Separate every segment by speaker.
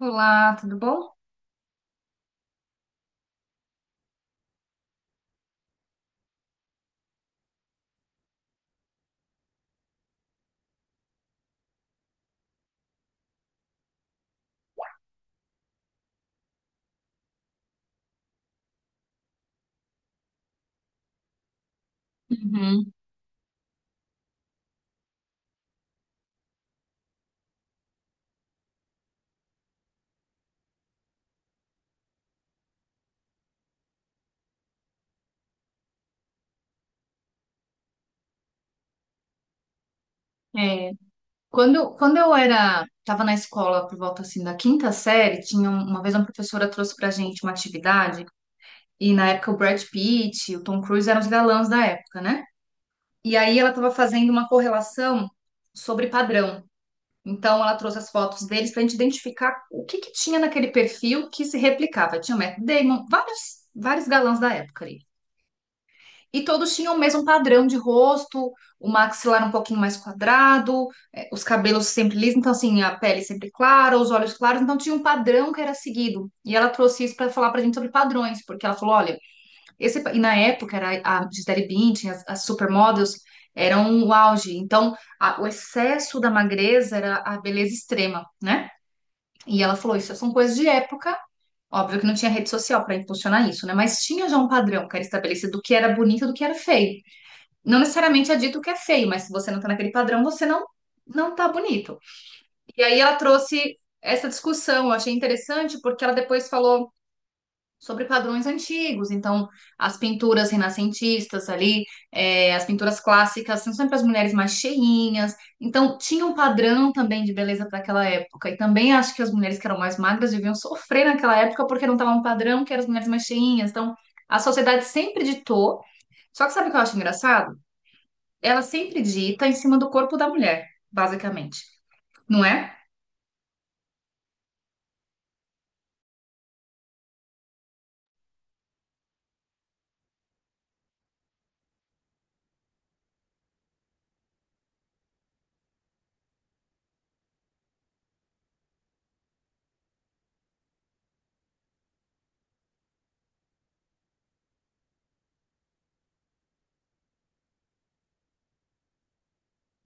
Speaker 1: Olá, tudo bom? Uhum. É, quando eu era, estava na escola por volta assim da quinta série, tinha uma vez uma professora trouxe pra gente uma atividade e na época o Brad Pitt, o Tom Cruise eram os galãs da época, né? E aí ela estava fazendo uma correlação sobre padrão. Então ela trouxe as fotos deles pra gente identificar o que que tinha naquele perfil que se replicava. Tinha o Matt Damon, vários, vários galãs da época ali. E todos tinham o mesmo padrão de rosto, o maxilar um pouquinho mais quadrado, os cabelos sempre lisos, então assim, a pele sempre clara, os olhos claros, então tinha um padrão que era seguido. E ela trouxe isso para falar pra gente sobre padrões, porque ela falou, olha, e na época era a Gisele Bündchen, as supermodels eram o auge. Então, o excesso da magreza era a beleza extrema, né? E ela falou, isso são coisas de época. Óbvio que não tinha rede social para impulsionar isso, né? Mas tinha já um padrão que era estabelecido do que era bonito e do que era feio. Não necessariamente é dito que é feio, mas se você não tá naquele padrão, você não tá bonito. E aí ela trouxe essa discussão, eu achei interessante porque ela depois falou sobre padrões antigos, então as pinturas renascentistas ali, as pinturas clássicas, são sempre as mulheres mais cheinhas, então tinha um padrão também de beleza para aquela época, e também acho que as mulheres que eram mais magras deviam sofrer naquela época porque não estava um padrão que eram as mulheres mais cheinhas, então a sociedade sempre ditou, só que sabe o que eu acho engraçado? Ela sempre dita em cima do corpo da mulher, basicamente, não é?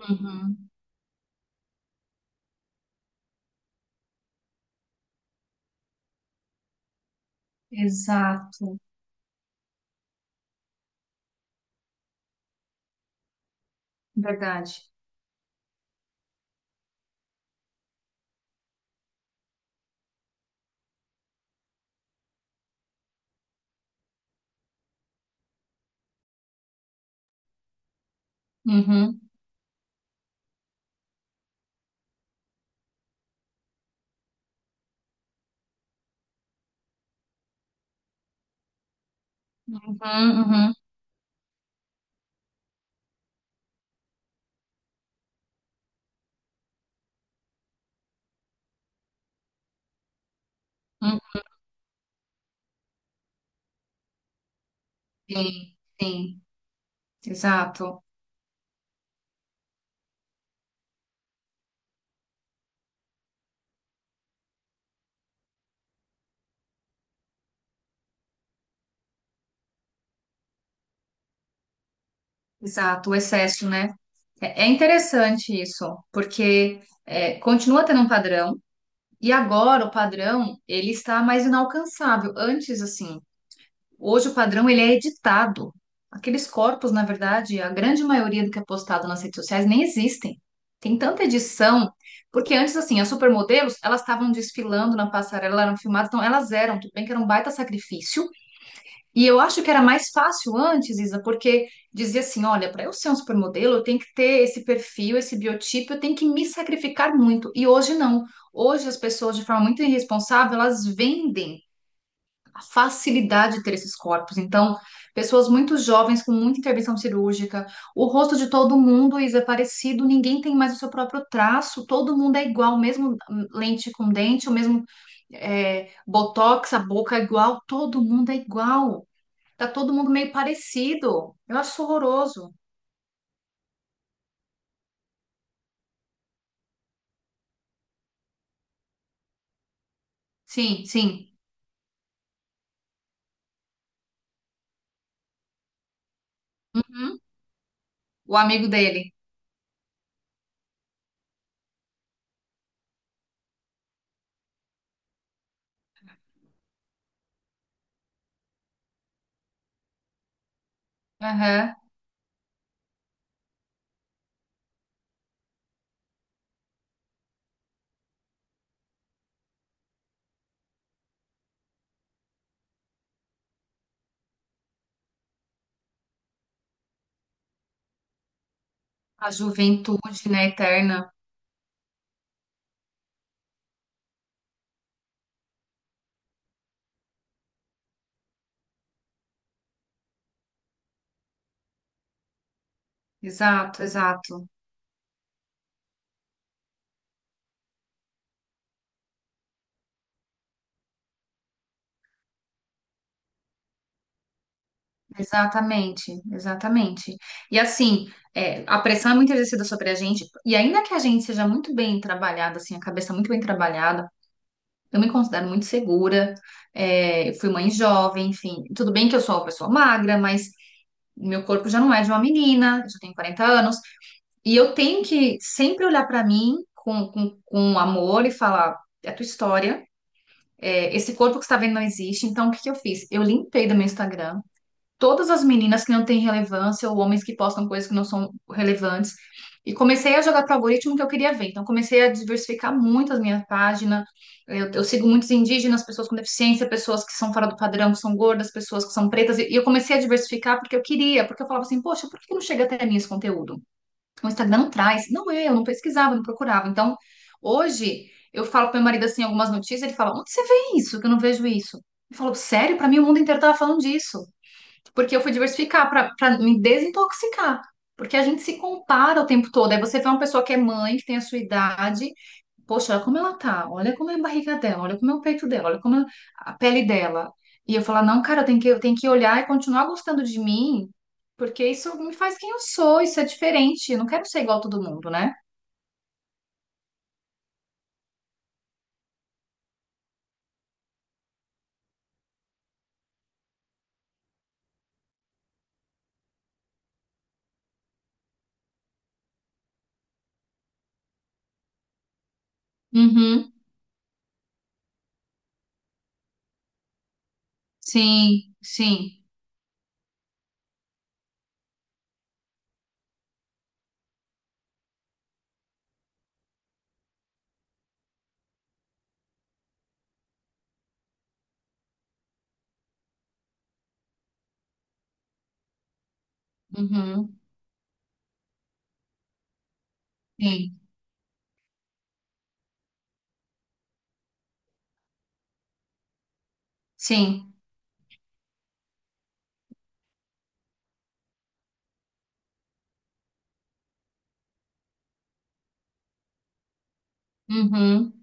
Speaker 1: Uhum. Exato, verdade. Uhum. Uhum, uhum, uhum. Sim, sim, exato, exato, o excesso, né? É, é interessante isso, porque continua tendo um padrão, e agora o padrão ele está mais inalcançável. Hoje o padrão ele é editado. Aqueles corpos, na verdade, a grande maioria do que é postado nas redes sociais nem existem. Tem tanta edição, porque antes, assim, as supermodelos, elas estavam desfilando na passarela, elas eram filmadas, então elas eram, tudo bem que era um baita sacrifício. E eu acho que era mais fácil antes, Isa, porque dizia assim, olha, para eu ser um supermodelo, eu tenho que ter esse perfil, esse biotipo, eu tenho que me sacrificar muito. E hoje não. Hoje as pessoas, de forma muito irresponsável, elas vendem a facilidade de ter esses corpos. Então, pessoas muito jovens com muita intervenção cirúrgica, o rosto de todo mundo é parecido, ninguém tem mais o seu próprio traço, todo mundo é igual, mesmo lente com dente, o mesmo botox, a boca é igual, todo mundo é igual. Tá todo mundo meio parecido. Eu acho horroroso. Sim, sim. Uhum. O amigo dele. Aham. A juventude, né, eterna. Exato, exato. Exatamente, exatamente. E assim, é, a pressão é muito exercida sobre a gente, e ainda que a gente seja muito bem trabalhada, assim, a cabeça muito bem trabalhada, eu me considero muito segura, é, eu fui mãe jovem, enfim, tudo bem que eu sou uma pessoa magra, mas meu corpo já não é de uma menina, eu já tenho 40 anos, e eu tenho que sempre olhar pra mim com amor e falar, é a tua história, é, esse corpo que você está vendo não existe, então o que que eu fiz? Eu limpei do meu Instagram, todas as meninas que não têm relevância ou homens que postam coisas que não são relevantes. E comecei a jogar para o algoritmo que eu queria ver. Então, comecei a diversificar muito as minhas páginas. Eu sigo muitos indígenas, pessoas com deficiência, pessoas que são fora do padrão, que são gordas, pessoas que são pretas. E eu comecei a diversificar porque eu queria, porque eu falava assim, poxa, por que não chega até mim esse conteúdo? O Instagram não traz. Não é, eu, não pesquisava, não procurava. Então, hoje, eu falo para meu marido assim algumas notícias, ele fala, onde você vê isso? Que eu não vejo isso. Ele falou, sério? Para mim, o mundo inteiro estava falando disso. Porque eu fui diversificar pra me desintoxicar. Porque a gente se compara o tempo todo. Aí você vê uma pessoa que é mãe, que tem a sua idade. Poxa, olha como ela tá. Olha como é a barriga dela. Olha como é o peito dela. Olha como é a pele dela. E eu falo não, cara, eu tenho que olhar e continuar gostando de mim. Porque isso me faz quem eu sou. Isso é diferente. Eu não quero ser igual a todo mundo, né? Uhum. Sim, sim. Uhum. Sim, sim. Uhum.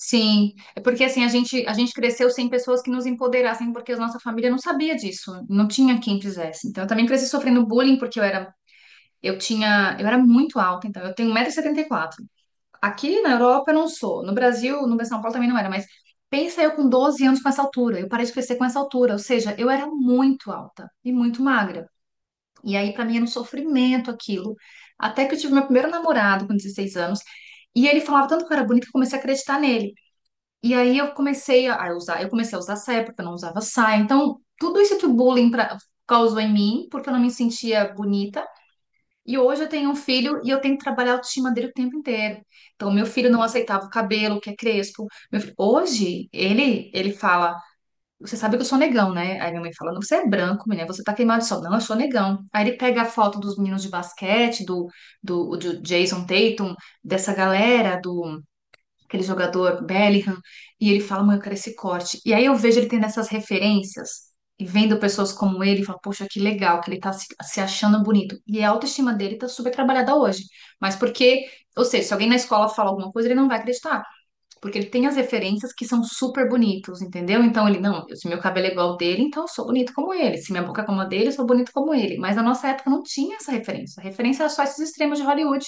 Speaker 1: Sim, é porque assim a gente cresceu sem pessoas que nos empoderassem, porque a nossa família não sabia disso, não tinha quem fizesse. Então eu também cresci sofrendo bullying porque eu era eu tinha eu era muito alta, então eu tenho 1,74 m. Aqui na Europa eu não sou, no Brasil, no São Paulo também não era, mas pensa eu com 12 anos com essa altura, eu parei de crescer com essa altura, ou seja, eu era muito alta e muito magra. E aí pra mim era um sofrimento aquilo, até que eu tive meu primeiro namorado com 16 anos, e ele falava tanto que eu era bonita que eu comecei a acreditar nele. E aí eu comecei a usar saia porque eu não usava saia. Então, tudo isso que o causou em mim, porque eu não me sentia bonita. E hoje eu tenho um filho e eu tenho que trabalhar a autoestima dele o tempo inteiro. Então, meu filho não aceitava o cabelo, que é crespo. Hoje, ele fala, você sabe que eu sou negão, né? Aí minha mãe fala, não, você é branco, menina, você tá queimado de sol. Não, eu sou negão. Aí ele pega a foto dos meninos de basquete, do Jason Tatum, dessa galera, do aquele jogador Bellingham, e ele fala, mãe, eu quero esse corte. E aí eu vejo ele tendo essas referências e vendo pessoas como ele, e falo, poxa, que legal, que ele tá se achando bonito. E a autoestima dele tá super trabalhada hoje. Mas porque, ou seja, se alguém na escola fala alguma coisa, ele não vai acreditar. Porque ele tem as referências que são super bonitos, entendeu? Então ele, não, se meu cabelo é igual ao dele, então eu sou bonito como ele. Se minha boca é como a dele, eu sou bonito como ele. Mas na nossa época não tinha essa referência. A referência era só esses extremos de Hollywood.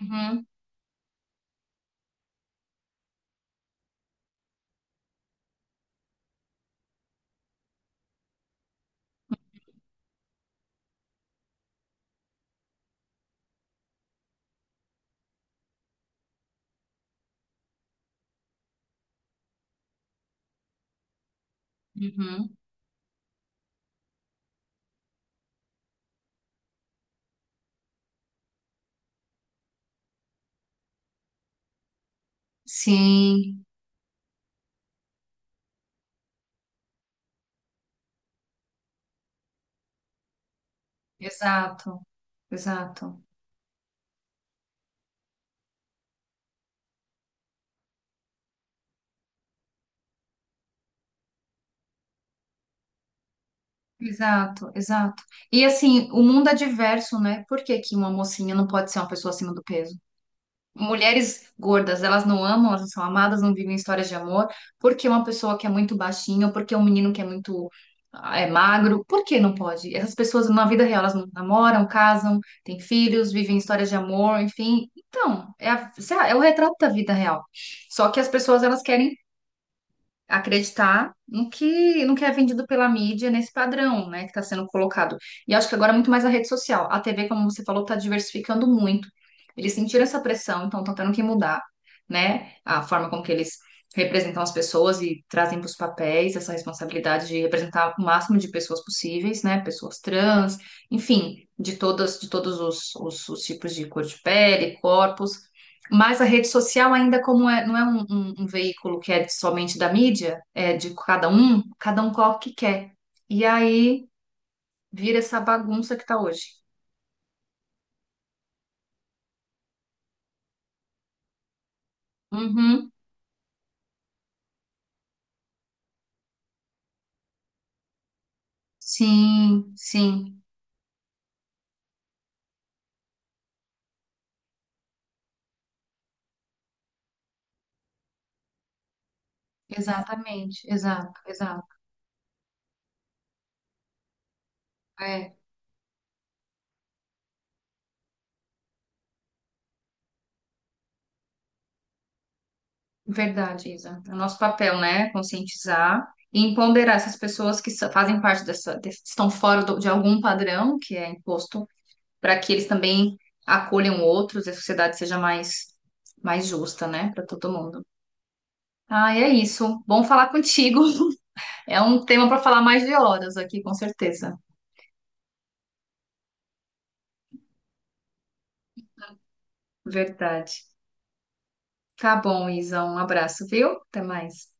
Speaker 1: Uhum, uhum. Sim, exato. Exato, exato, exato. E assim, o mundo é diverso, né? Por que que uma mocinha não pode ser uma pessoa acima do peso? Mulheres gordas, elas não amam, elas não são amadas, não vivem histórias de amor. Por que uma pessoa que é muito baixinha, ou por que um menino que é muito magro, por que não pode? Essas pessoas na vida real, elas não namoram, casam, têm filhos, vivem histórias de amor, enfim. Então, é o retrato da vida real. Só que as pessoas, elas querem acreditar no que, no que é vendido pela mídia nesse padrão, né, que está sendo colocado. E acho que agora é muito mais a rede social. A TV, como você falou, está diversificando muito. Eles sentiram essa pressão, então estão tendo que mudar, né, a forma como que eles representam as pessoas e trazem para os papéis essa responsabilidade de representar o máximo de pessoas possíveis, né, pessoas trans, enfim, de todas, de todos os tipos de cor de pele, corpos. Mas a rede social ainda como é, não é um veículo que é somente da mídia, é de cada um coloca o que quer. E aí vira essa bagunça que está hoje. Uhum. Sim, sim, exatamente, exato, exato. É verdade, Isa. É o nosso papel, né? Conscientizar e empoderar essas pessoas fazem parte dessa, estão fora de algum padrão que é imposto para que eles também acolham outros e a sociedade seja mais, mais justa, né, para todo mundo. Ah, é isso. Bom falar contigo. É um tema para falar mais de horas aqui, com certeza. Verdade. Tá bom, Isa. Um abraço, viu? Até mais.